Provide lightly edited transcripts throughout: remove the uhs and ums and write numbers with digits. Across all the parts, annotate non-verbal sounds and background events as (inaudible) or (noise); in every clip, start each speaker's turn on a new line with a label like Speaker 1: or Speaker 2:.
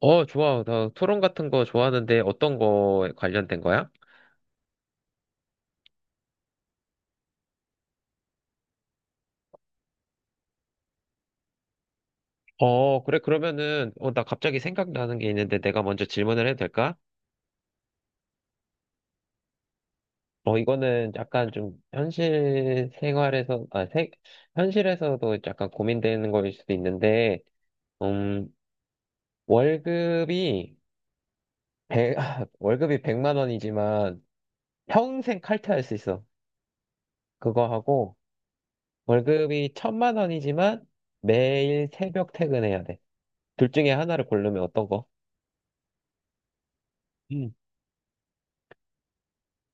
Speaker 1: 좋아. 나 토론 같은 거 좋아하는데 어떤 거에 관련된 거야? 그래. 그러면은, 나 갑자기 생각나는 게 있는데 내가 먼저 질문을 해도 될까? 이거는 약간 좀 현실 생활에서, 현실에서도 약간 고민되는 거일 수도 있는데, 음, 월급이, 백, (laughs) 월급이 100만 원이지만 평생 칼퇴할 수 있어. 그거 하고, 월급이 천만 원이지만 매일 새벽 퇴근해야 돼. 둘 중에 하나를 고르면 어떤 거?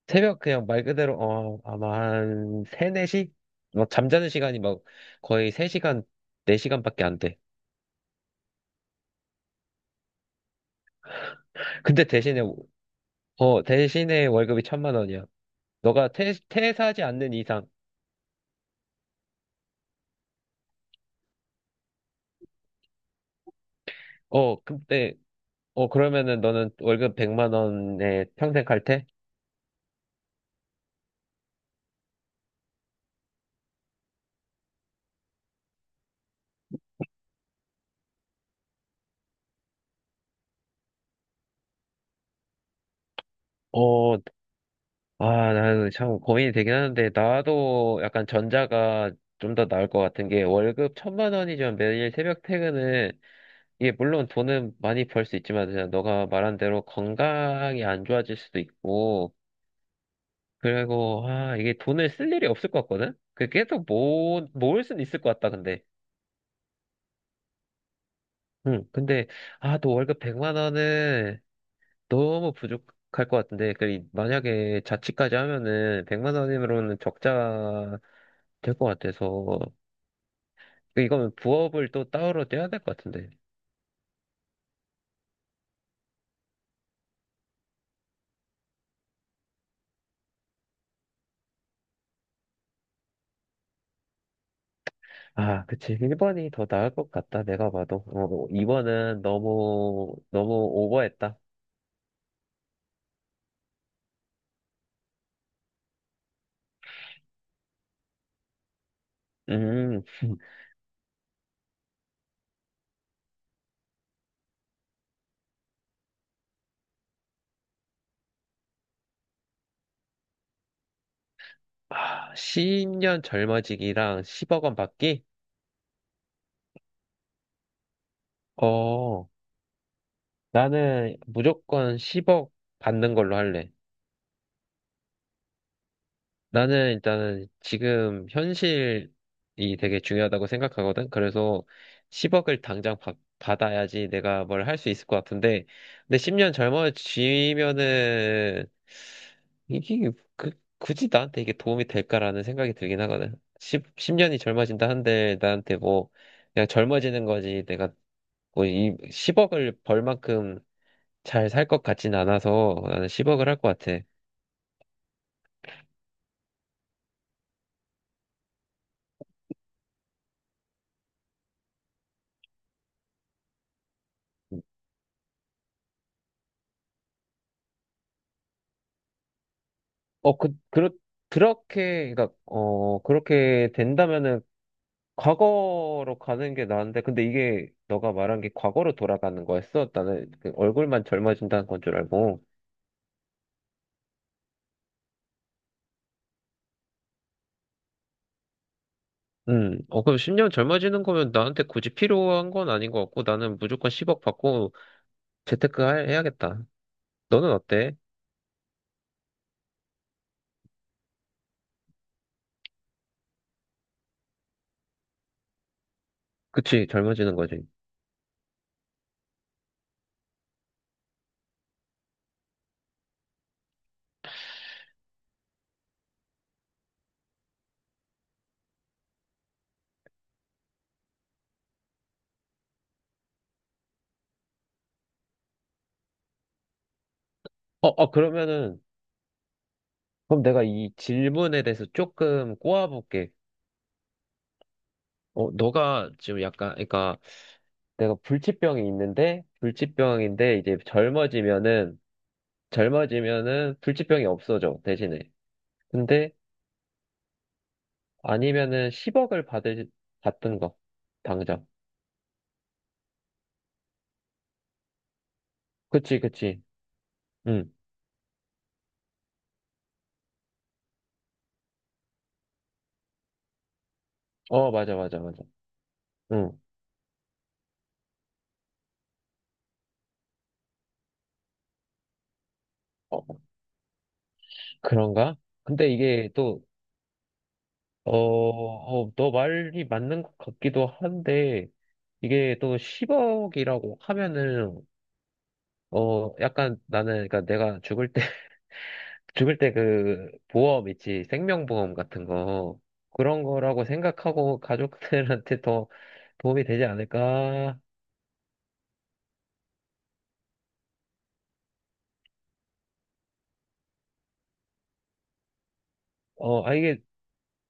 Speaker 1: 새벽 그냥 말 그대로 아마 한 3, 4시? 막 잠자는 시간이 막 거의 3시간, 4시간밖에 안 돼. 근데 대신에 월급이 천만 원이야. 너가 퇴사하지 않는 이상. 근데 그러면은 너는 월급 100만 원에 평생 갈 테? 어, 나는 참 고민이 되긴 하는데, 나도 약간 전자가 좀 더 나을 것 같은 게, 월급 천만 원이지만 매일 새벽 퇴근은 이게 물론 돈은 많이 벌 수 있지만 그냥 너가 말한 대로 건강이 안 좋아질 수도 있고, 그리고 이게 돈을 쓸 일이 없을 것 같거든? 그 계속 모 모을 수는 있을 것 같다, 근데. 응, 근데 너 월급 100만 원은 너무 부족할 것 같은데, 그 만약에 자취까지 하면은 100만 원으로는 적자 될 것 같아서 이거는 부업을 또 따로 떼야 될 것 같은데. 아, 그치. 1번이 더 나을 것 같다. 내가 봐도. 2번은 너무, 너무 오버했다. 음. 아, 10년 젊어지기랑 10억 원 받기? 어, 나는 무조건 10억 받는 걸로 할래. 나는 일단은 지금 현실이 되게 중요하다고 생각하거든. 그래서 10억을 당장 받아야지 내가 뭘 할 수 있을 것 같은데, 근데 10년 젊어지면은 이게 그, 굳이 나한테 이게 도움이 될까라는 생각이 들긴 하거든. 10년이 젊어진다 한들 나한테 뭐 그냥 젊어지는 거지. 내가 뭐 이 10억을 벌 만큼 잘 살 것 같진 않아서 나는 10억을 할 것 같아. 어, 그, 그렇, 그러니까, 그렇게 된다면은 과거로 가는 게 나은데, 근데 이게 너가 말한 게 과거로 돌아가는 거였어? 나는 그 얼굴만 젊어진다는 건 줄 알고. 그럼 10년 젊어지는 거면 나한테 굳이 필요한 건 아닌 것 같고, 나는 무조건 10억 받고 재테크 해야겠다. 너는 어때? 그치, 젊어지는 거지. 어, 어, 그러면은, 그럼 내가 이 질문에 대해서 조금 꼬아볼게. 너가 지금 약간, 그러니까, 내가 불치병이 있는데 불치병인데 이제 젊어지면은 불치병이 없어져, 대신에. 근데 아니면은 10억을 받을 받던 거 당장. 그치, 그치. 응어. 맞아, 맞아, 맞아. 응. 어, 그런가. 근데 이게 또 너 말이 맞는 것 같기도 한데, 이게 또 10억이라고 하면은 약간 나는 그러니까 내가 죽을 때 그 보험 있지, 생명보험 같은 거, 그런 거라고 생각하고 가족들한테 더 도움이 되지 않을까? 어, 아, 이게,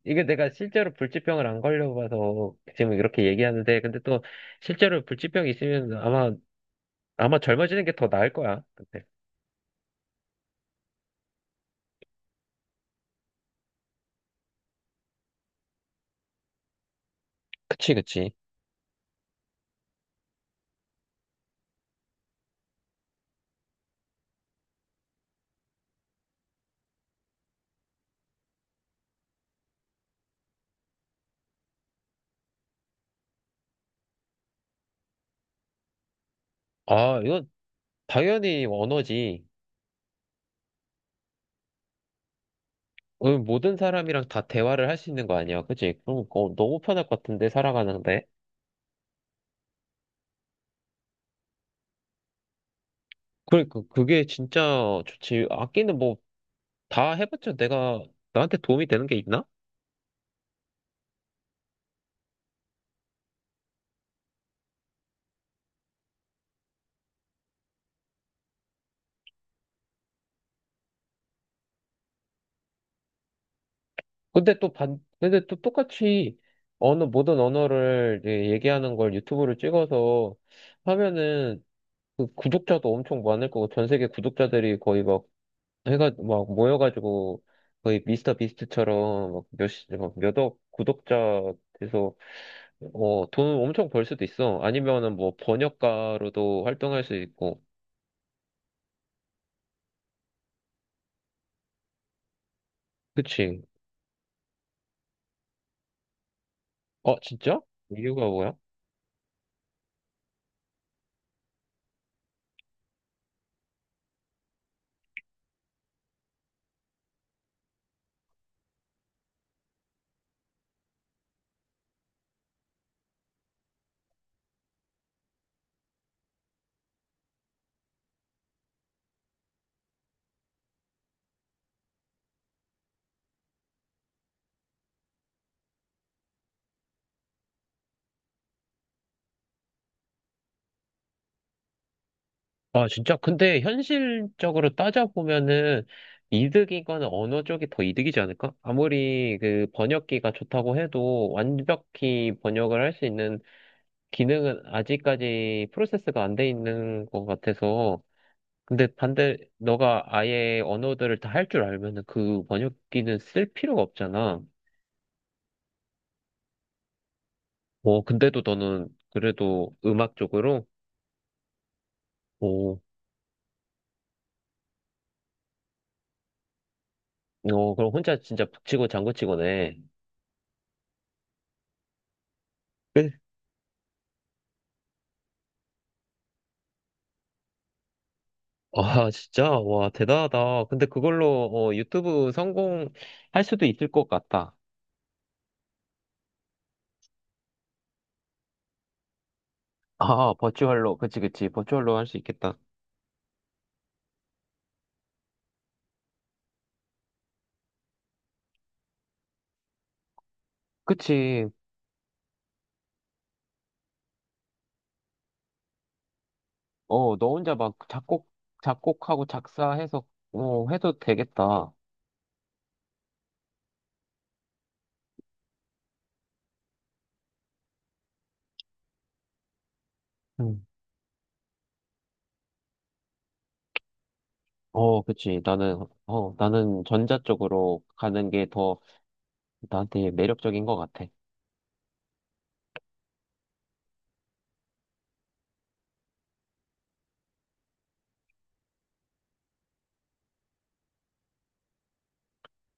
Speaker 1: 이게 내가 실제로 불치병을 안 걸려봐서 지금 이렇게 얘기하는데, 근데 또 실제로 불치병이 있으면 아마 젊어지는 게 더 나을 거야. 근데. 그치, 그치. 아, 이건 당연히 언어지. 모든 사람이랑 다 대화를 할 수 있는 거 아니야, 그치? 그럼, 너무 편할 것 같은데, 살아가는데. 그러니까 그게 진짜 좋지. 악기는 뭐 다 해봤자 내가 나한테 도움이 되는 게 있나? 근데 또 똑같이 모든 언어를 이제 얘기하는 걸 유튜브를 찍어서 하면은 그 구독자도 엄청 많을 거고 전 세계 구독자들이 거의 막 해가 막 모여가지고 거의 미스터 비스트처럼 막 몇십, 막 몇억 구독자 돼서 돈 엄청 벌 수도 있어. 아니면은 뭐 번역가로도 활동할 수 있고. 그치? 진짜? 이유가 뭐야? 아, 진짜. 근데 현실적으로 따져보면은 이득인 거는 언어 쪽이 더 이득이지 않을까? 아무리 그 번역기가 좋다고 해도 완벽히 번역을 할 수 있는 기능은 아직까지 프로세스가 안 돼 있는 것 같아서. 근데 너가 아예 언어들을 다 할 줄 알면은 그 번역기는 쓸 필요가 없잖아. 근데도 너는 그래도 음악 쪽으로? 오, 그럼 혼자 진짜 북치고 장구치고네. 아, 진짜? 와, 대단하다. 근데 그걸로 유튜브 성공할 수도 있을 것 같다. 아, 버추얼로. 그치, 그치. 버추얼로 할 수 있겠다. 그치. 너 혼자 막 작곡하고 작사해서 해도 되겠다. 음. 그치. 나는 전자 쪽으로 가는 게 더 나한테 매력적인 것 같아.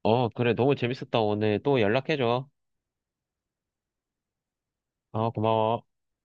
Speaker 1: 그래. 너무 재밌었다. 오늘 또 연락해줘. 고마워.